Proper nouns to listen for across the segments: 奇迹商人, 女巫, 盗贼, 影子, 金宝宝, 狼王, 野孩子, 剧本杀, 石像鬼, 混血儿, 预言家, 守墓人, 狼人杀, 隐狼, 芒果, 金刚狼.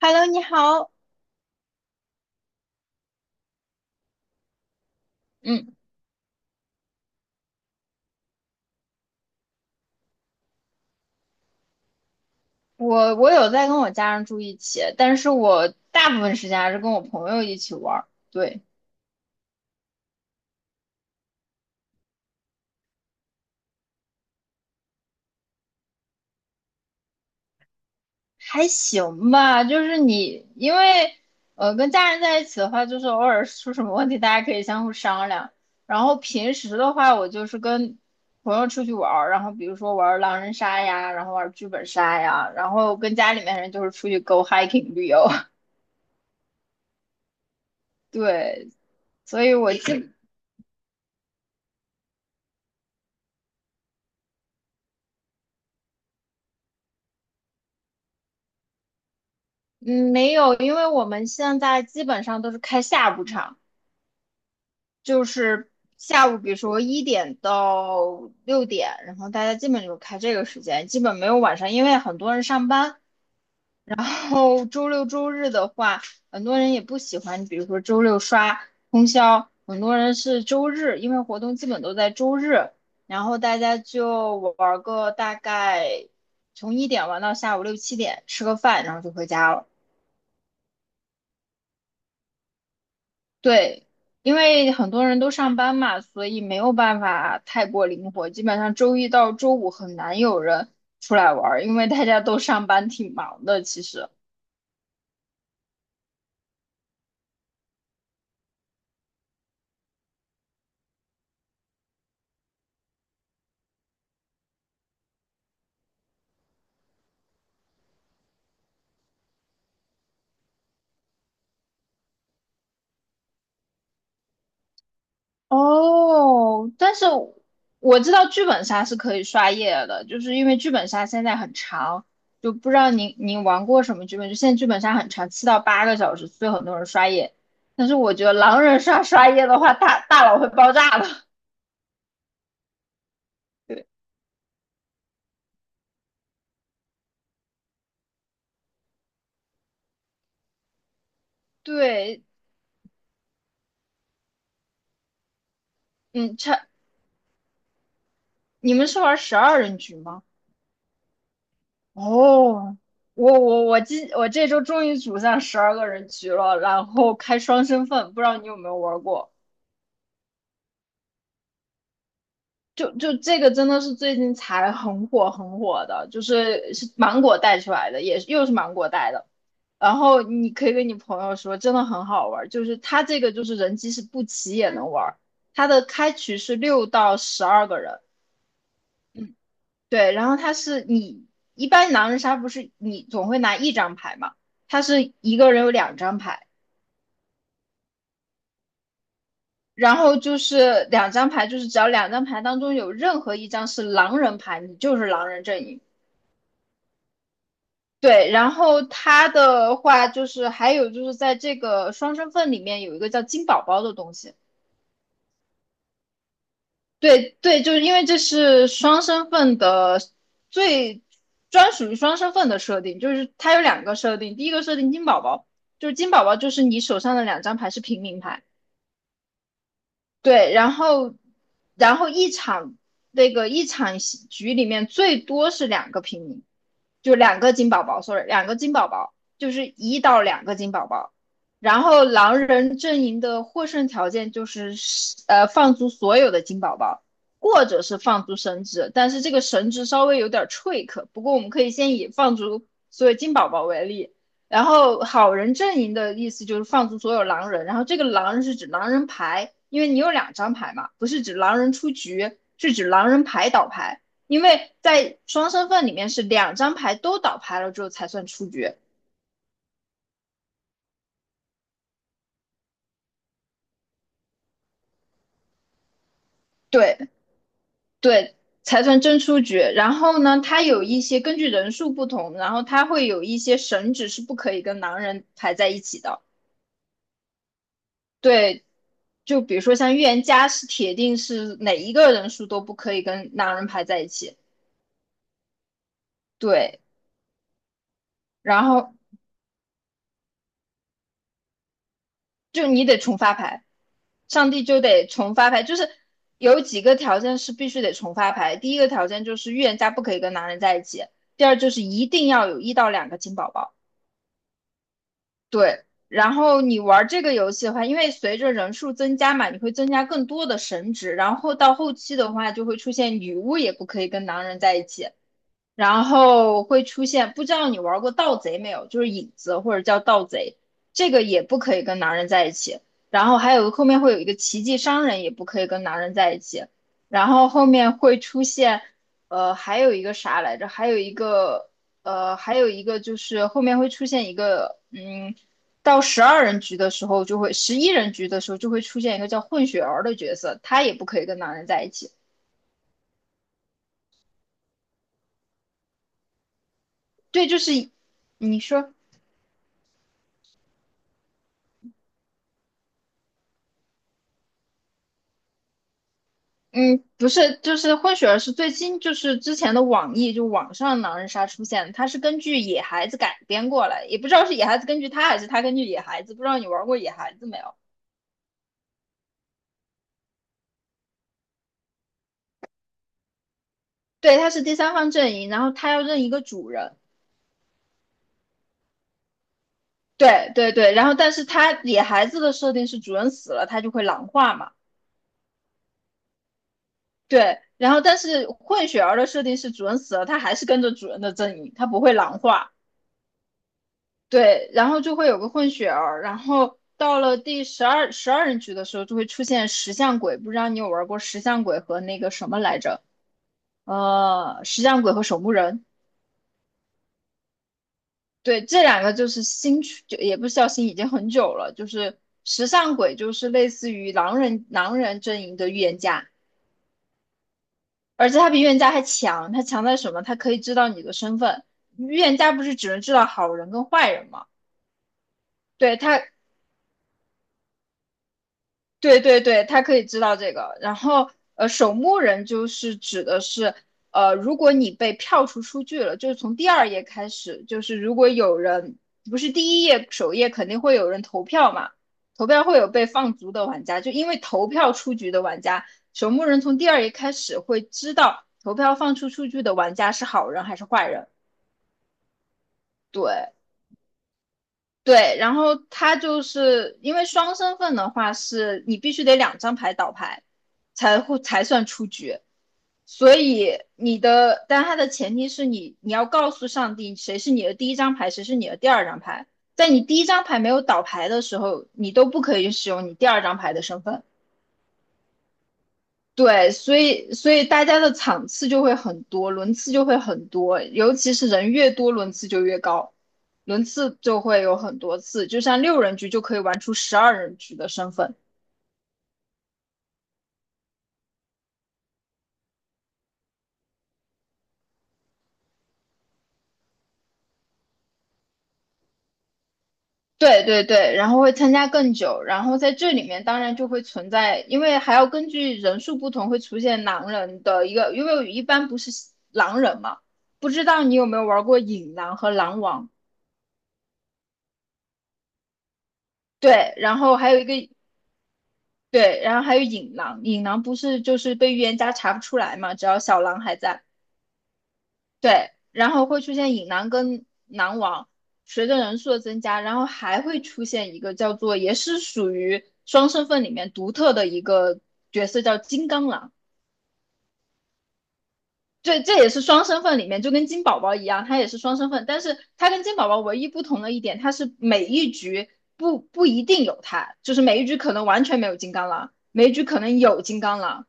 Hello，你好。嗯，我有在跟我家人住一起，但是我大部分时间还是跟我朋友一起玩儿。对，还行吧。就是你，因为跟家人在一起的话，就是偶尔出什么问题，大家可以相互商量。然后平时的话，我就是跟朋友出去玩儿，然后比如说玩儿狼人杀呀，然后玩儿剧本杀呀，然后跟家里面人就是出去 go hiking 旅游。对，所以我基嗯，没有，因为我们现在基本上都是开下午场，就是下午，比如说1点到6点，然后大家基本就开这个时间，基本没有晚上，因为很多人上班。然后周六周日的话，很多人也不喜欢，比如说周六刷通宵，很多人是周日，因为活动基本都在周日，然后大家就玩个大概从一点玩到下午六七点，吃个饭，然后就回家了。对，因为很多人都上班嘛，所以没有办法太过灵活。基本上周一到周五很难有人出来玩儿，因为大家都上班挺忙的。其实，哦，但是我知道剧本杀是可以刷夜的，就是因为剧本杀现在很长，就不知道您您玩过什么剧本，就现在剧本杀很长，7到8个小时，所以很多人刷夜。但是我觉得狼人杀刷夜的话，大脑会爆炸的。对，嗯，差你们是玩十二人局吗？哦，我这周终于组上12个人局了，然后开双身份，不知道你有没有玩过？就这个真的是最近才很火很火的，就是芒果带出来的，也是又是芒果带的。然后你可以跟你朋友说，真的很好玩儿就是它这个就是人机是不齐也能玩儿，它的开局是6到12个人，对，然后它是你一般狼人杀不是你总会拿一张牌嘛，它是一个人有两张牌，然后就是两张牌，就是只要两张牌当中有任何一张是狼人牌，你就是狼人阵营。对，然后它的话就是还有就是在这个双身份里面有一个叫金宝宝的东西。对对，就是因为这是双身份的最专属于双身份的设定，就是它有两个设定，第一个设定金宝宝，就是金宝宝就是你手上的两张牌是平民牌。对，然后一场戏局里面最多是两个平民，就两个金宝宝，sorry，两个金宝宝，就是一到两个金宝宝。然后狼人阵营的获胜条件就是放逐所有的金宝宝，或者是放逐神职，但是这个神职稍微有点 trick，不过我们可以先以放逐所有金宝宝为例。然后好人阵营的意思就是放逐所有狼人，然后这个狼人是指狼人牌，因为你有两张牌嘛，不是指狼人出局，是指狼人牌倒牌，因为在双身份里面是两张牌都倒牌了之后才算出局，对对，才算真出局。然后呢，它有一些根据人数不同，然后它会有一些神职是不可以跟狼人排在一起的，对。就比如说像预言家是铁定是哪一个人数都不可以跟狼人排在一起，对，然后就你得重发牌，上帝就得重发牌，就是有几个条件是必须得重发牌。第一个条件就是预言家不可以跟男人在一起，第二就是一定要有一到两个金宝宝。对，然后你玩这个游戏的话，因为随着人数增加嘛，你会增加更多的神职，然后到后期的话就会出现女巫也不可以跟男人在一起，然后会出现，不知道你玩过盗贼没有？就是影子或者叫盗贼，这个也不可以跟男人在一起。然后还有后面会有一个奇迹商人，也不可以跟男人在一起。然后后面会出现，还有一个啥来着？还有一个，还有一个就是后面会出现一个，到十二人局的时候就会，11人局的时候就会出现一个叫混血儿的角色，他也不可以跟男人在一起。对，就是你说。嗯，不是，就是混血儿是最新，就是之前的网易就网上狼人杀出现的，它是根据野孩子改编过来，也不知道是野孩子根据他还是他根据野孩子，不知道你玩过野孩子没有？对，他是第三方阵营，然后他要认一个主人，对对对，然后但是他野孩子的设定是主人死了，他就会狼化嘛，对，然后但是混血儿的设定是主人死了，他还是跟着主人的阵营，他不会狼化。对，然后就会有个混血儿，然后到了第十二人局的时候，就会出现石像鬼。不知道你有玩过石像鬼和那个什么来着？石像鬼和守墓人。对，这两个就是新区，就也不是叫新，已经很久了。就是石像鬼，就是类似于狼人阵营的预言家，而且他比预言家还强。他强在什么？他可以知道你的身份。预言家不是只能知道好人跟坏人吗？对，对对对，他可以知道这个。然后，守墓人就是指的是，如果你被票出局了，就是从第二页开始，就是如果有人不是第一页首页肯定会有人投票嘛，投票会有被放逐的玩家，就因为投票出局的玩家，守墓人从第二页开始会知道投票放出去的玩家是好人还是坏人。对，对，然后他就是因为双身份的话，是你必须得两张牌倒牌，才算出局。所以你的，但它的前提是你要告诉上帝谁是你的第一张牌，谁是你的第二张牌。在你第一张牌没有倒牌的时候，你都不可以使用你第二张牌的身份。对，所以大家的场次就会很多，轮次就会很多，尤其是人越多，轮次就越高，轮次就会有很多次，就像6人局就可以玩出十二人局的身份。对对对，然后会参加更久，然后在这里面当然就会存在，因为还要根据人数不同会出现狼人的一个，因为一般不是狼人嘛，不知道你有没有玩过引狼和狼王？对，然后还有一个对，然后还有隐狼，隐狼不是就是被预言家查不出来嘛，只要小狼还在，对，然后会出现隐狼跟狼王，随着人数的增加，然后还会出现一个叫做也是属于双身份里面独特的一个角色叫金刚狼，对，这也是双身份里面就跟金宝宝一样，它也是双身份，但是它跟金宝宝唯一不同的一点，它是每一局不一定有它，就是每一局可能完全没有金刚狼，每一局可能有金刚狼。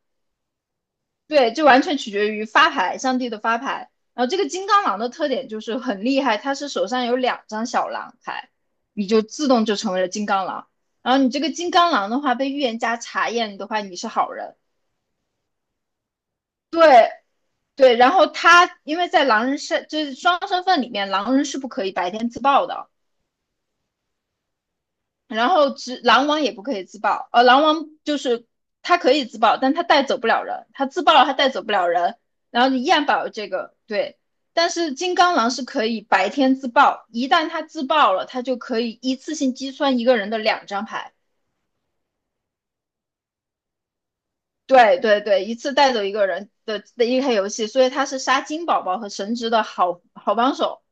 对，就完全取决于发牌，上帝的发牌。然后这个金刚狼的特点就是很厉害，他是手上有两张小狼牌，你就自动就成为了金刚狼。然后你这个金刚狼的话，被预言家查验的话，你是好人。对对，然后他因为在狼人身，就是双身份里面，狼人是不可以白天自爆的。然后只狼王也不可以自爆，狼王就是他可以自爆，但他带走不了人，他自爆了他带走不了人，然后你依然保有这个对，但是金刚狼是可以白天自爆，一旦他自爆了，他就可以一次性击穿一个人的两张牌。对对对，一次带走一个人的一开游戏，所以他是杀金宝宝和神职的好好帮手。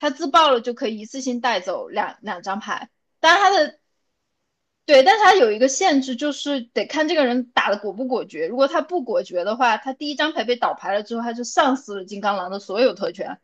他自爆了就可以一次性带走两张牌，当然他的对，但是他有一个限制，就是得看这个人打的果不果决。如果他不果决的话，他第一张牌被倒牌了之后，他就丧失了金刚狼的所有特权。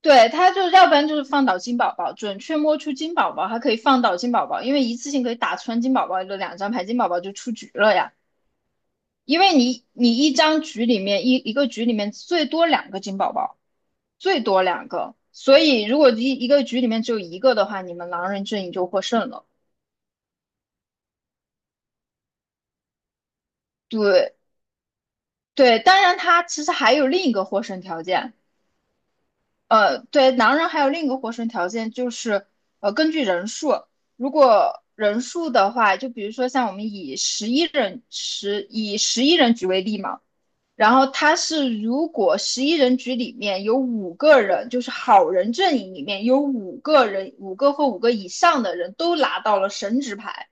对，他就要不然就是放倒金宝宝，准确摸出金宝宝，还可以放倒金宝宝，因为一次性可以打穿金宝宝的两张牌，金宝宝就出局了呀。因为你一张局里面一个局里面最多两个金宝宝，最多两个，所以如果一个局里面只有一个的话，你们狼人阵营就获胜了。对对，当然他其实还有另一个获胜条件，对，狼人还有另一个获胜条件就是根据人数，如果人数的话，就比如说像我们以十一人局为例嘛。然后他是如果十一人局里面有五个人，就是好人阵营里面有五个人，五个或五个以上的人都拿到了神职牌，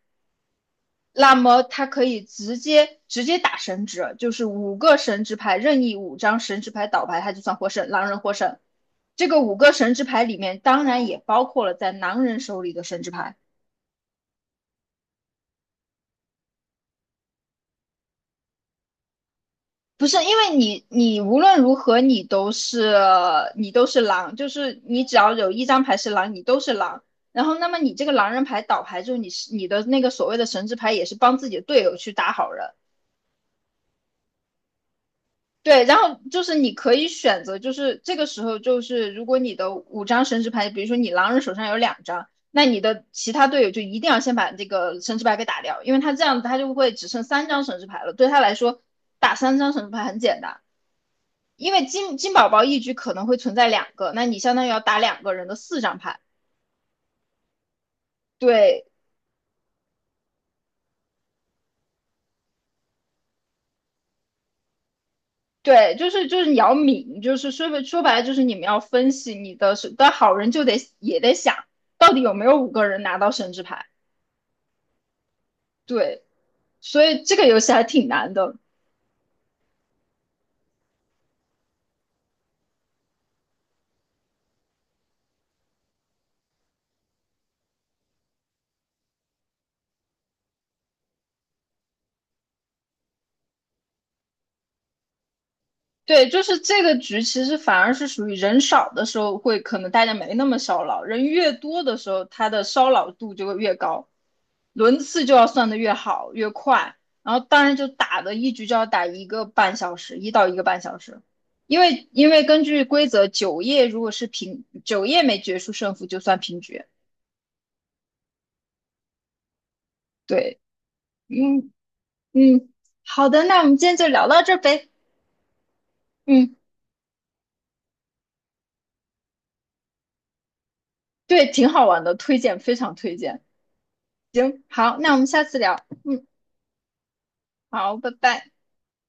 那么他可以直接打神职，就是五个神职牌任意五张神职牌倒牌，他就算获胜，狼人获胜。这个五个神职牌里面当然也包括了在狼人手里的神职牌。不是，因为你无论如何你都是狼，就是你只要有一张牌是狼，你都是狼。然后，那么你这个狼人牌倒牌之后，你是你的那个所谓的神之牌也是帮自己的队友去打好人。对，然后就是你可以选择，就是这个时候就是如果你的五张神之牌，比如说你狼人手上有两张，那你的其他队友就一定要先把这个神之牌给打掉，因为他这样他就会只剩三张神之牌了，对他来说打三张神之牌很简单。因为金宝宝一局可能会存在两个，那你相当于要打两个人的四张牌。对对，就是你要抿，就是说说白了就是你们要分析你的是，但好人就得也得想到底有没有五个人拿到神之牌。对，所以这个游戏还挺难的。对，就是这个局，其实反而是属于人少的时候会可能大家没那么烧脑，人越多的时候，他的烧脑度就会越高，轮次就要算的越好越快，然后当然就打的一局就要打一个半小时，一到一个半小时，因为根据规则，九页如果是平，九页没决出胜负就算平局。对，嗯嗯，好的，那我们今天就聊到这儿呗。嗯，对，挺好玩的，推荐，非常推荐。行，好，那我们下次聊。嗯。好，拜拜。